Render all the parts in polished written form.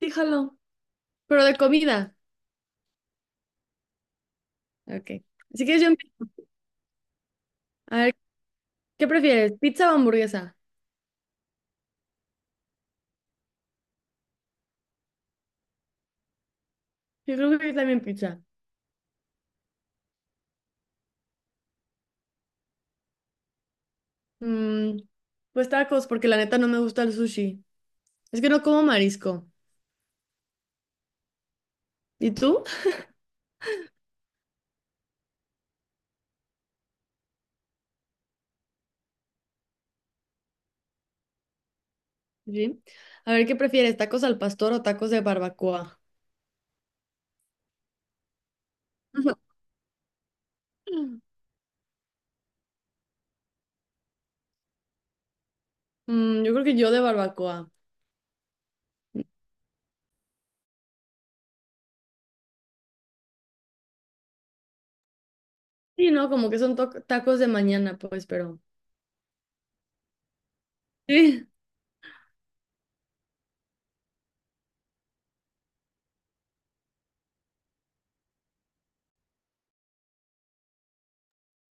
Fíjalo, pero de comida. Ok. Así que yo empiezo. A ver, ¿qué prefieres? ¿Pizza o hamburguesa? Yo creo que también pizza. Mm, pues tacos, porque la neta no me gusta el sushi. Es que no como marisco. ¿Y tú? Sí. A ver, ¿qué prefieres? ¿Tacos al pastor o tacos de barbacoa? Yo creo que yo de barbacoa. Sí, no, como que son tacos de mañana, pues, pero. Sí.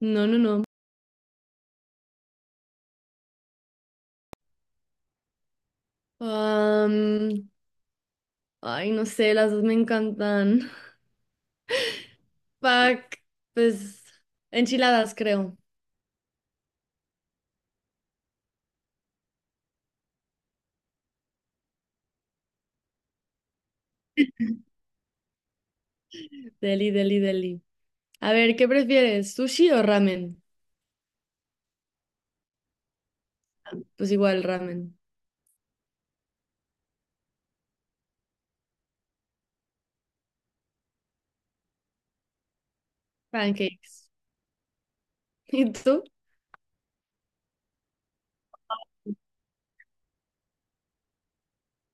No, no, no. Am, ay, no sé, las dos me encantan. Pack, pues enchiladas creo. Deli, deli, deli. A ver, ¿qué prefieres? ¿Sushi o ramen? Pues igual ramen. Pancakes. ¿Y tú?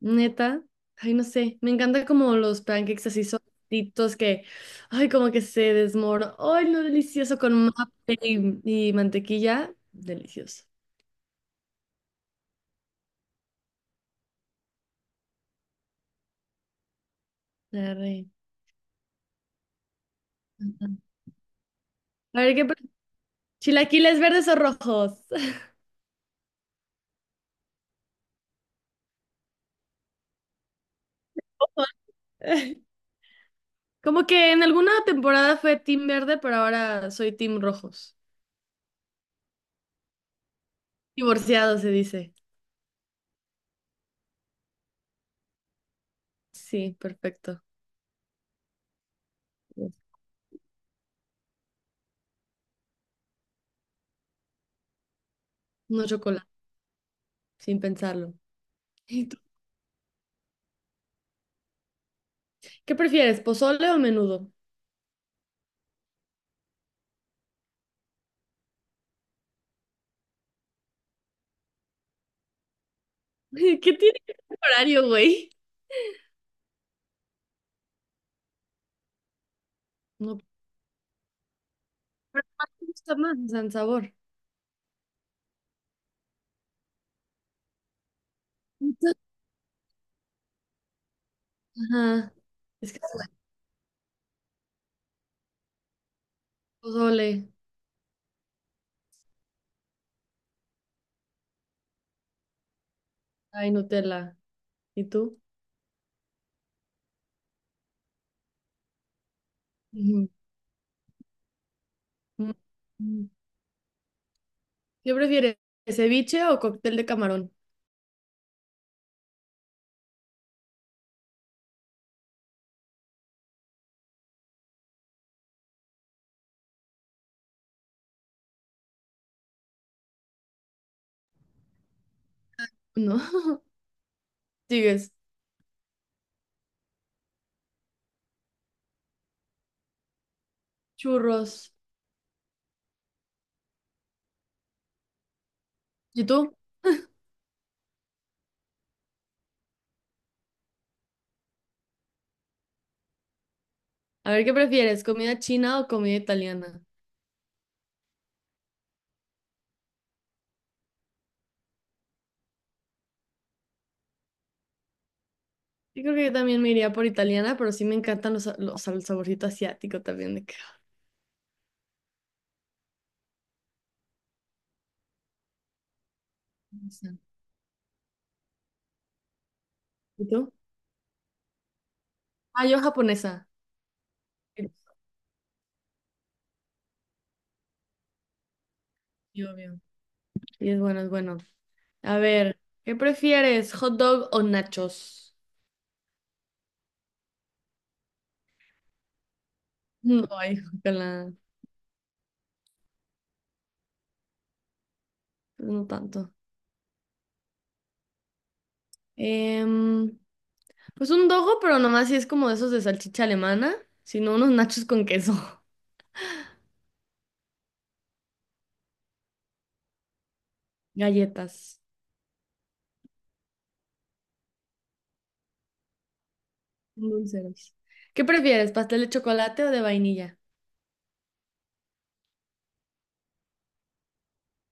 Neta. Ay, no sé. Me encanta como los pancakes así solitos que, ay, como que se desmoron. Ay, lo delicioso con maple y mantequilla. Delicioso. Arre. Ajá. A ver, ¿qué prefieres? ¿Chilaquiles verdes o rojos? Como que en alguna temporada fue Team Verde, pero ahora soy Team Rojos. Divorciado se dice. Sí, perfecto. No chocolate, sin pensarlo. ¿Y tú? ¿Qué prefieres, pozole o menudo? ¿Qué tiene que ver el horario, güey? No, pero ¿cuál te gusta más? O sea, en sabor. Entonces- Ajá. Es que sí, pozole, ay, Nutella. ¿Y tú? Ujú. Mm, mm. ¿Qué prefieres, ceviche o cóctel de camarón? No. Sigues. Churros. ¿Y tú? A ver, ¿qué prefieres? ¿Comida china o comida italiana? Yo creo que yo también me iría por italiana, pero sí me encantan los, o sea, el saborcito asiático también de que. No sé. ¿Y tú? Ah, yo japonesa. Sí, obvio. Y es bueno, es bueno. A ver, ¿qué prefieres? ¿Hot dog o nachos? No, ay, ojalá. Pues no tanto. Em, pues un dogo, pero nomás si es como de esos de salchicha alemana, sino unos nachos con queso. Galletas. Dulceros. ¿Qué prefieres? ¿Pastel de chocolate o de vainilla?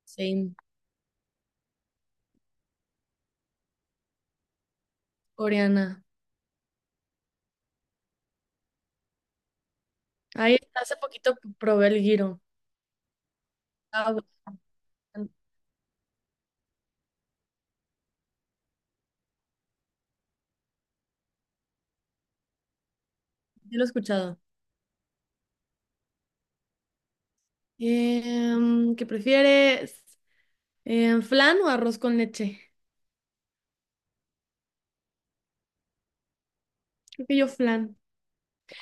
Sí, coreana. Ahí hace poquito probé el giro. Ah, bueno, sí lo he escuchado. ¿Qué prefieres? ¿Flan o arroz con leche? Creo que yo flan.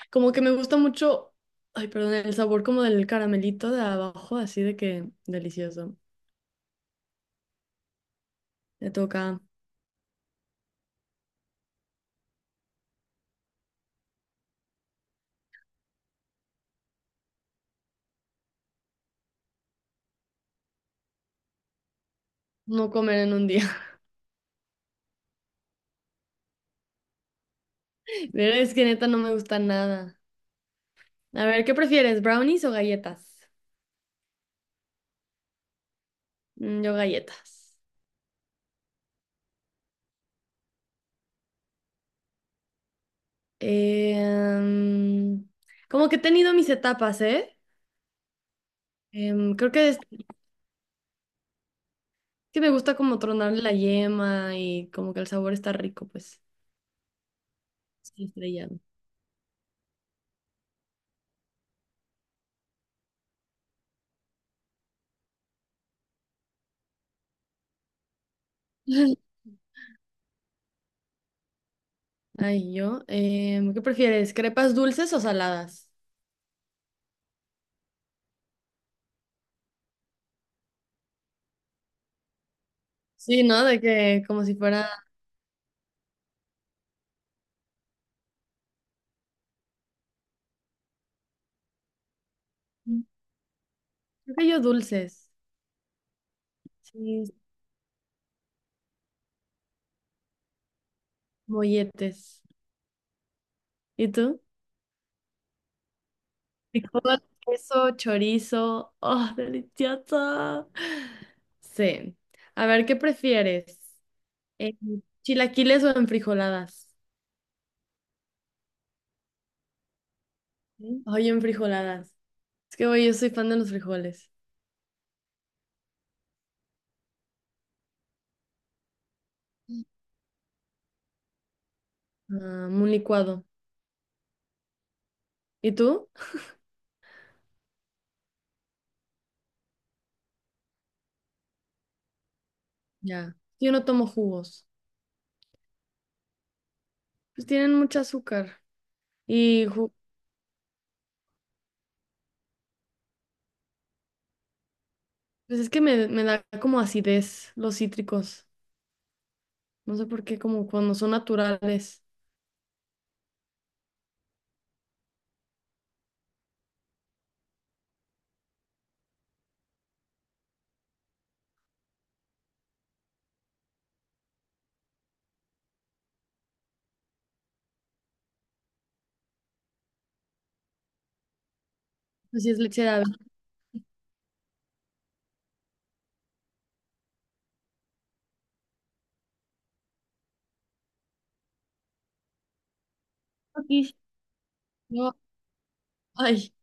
Como que me gusta mucho, ay, perdón, el sabor como del caramelito de abajo, así de que delicioso. Me toca no comer en un día. Pero es que neta no me gusta nada. A ver, ¿qué prefieres? ¿Brownies o galletas? Mm, yo galletas. Em, como que he tenido mis etapas, ¿eh? Creo que es que me gusta como tronarle la yema y como que el sabor está rico, pues. Sí, estrellado. Ay, yo. ¿Qué prefieres? ¿Crepas dulces o saladas? Sí, ¿no? De que como si fuera. mm, Creo que yo dulces. Sí, molletes. ¿Y tú? Frijol, queso, chorizo. ¡Oh, deliciosa! Sí. A ver, ¿qué prefieres? Eh, ¿Chilaquiles o enfrijoladas? ¿Sí? Ay, enfrijoladas. Es que, güey, yo soy fan de los frijoles. Ah, un licuado. ¿Y tú? Ya. Yo no tomo jugos. Pues tienen mucho azúcar. Y pues es que me da como acidez los cítricos. No sé por qué, como cuando son naturales. Pues sí es leche de ave. Aquí. No, ay,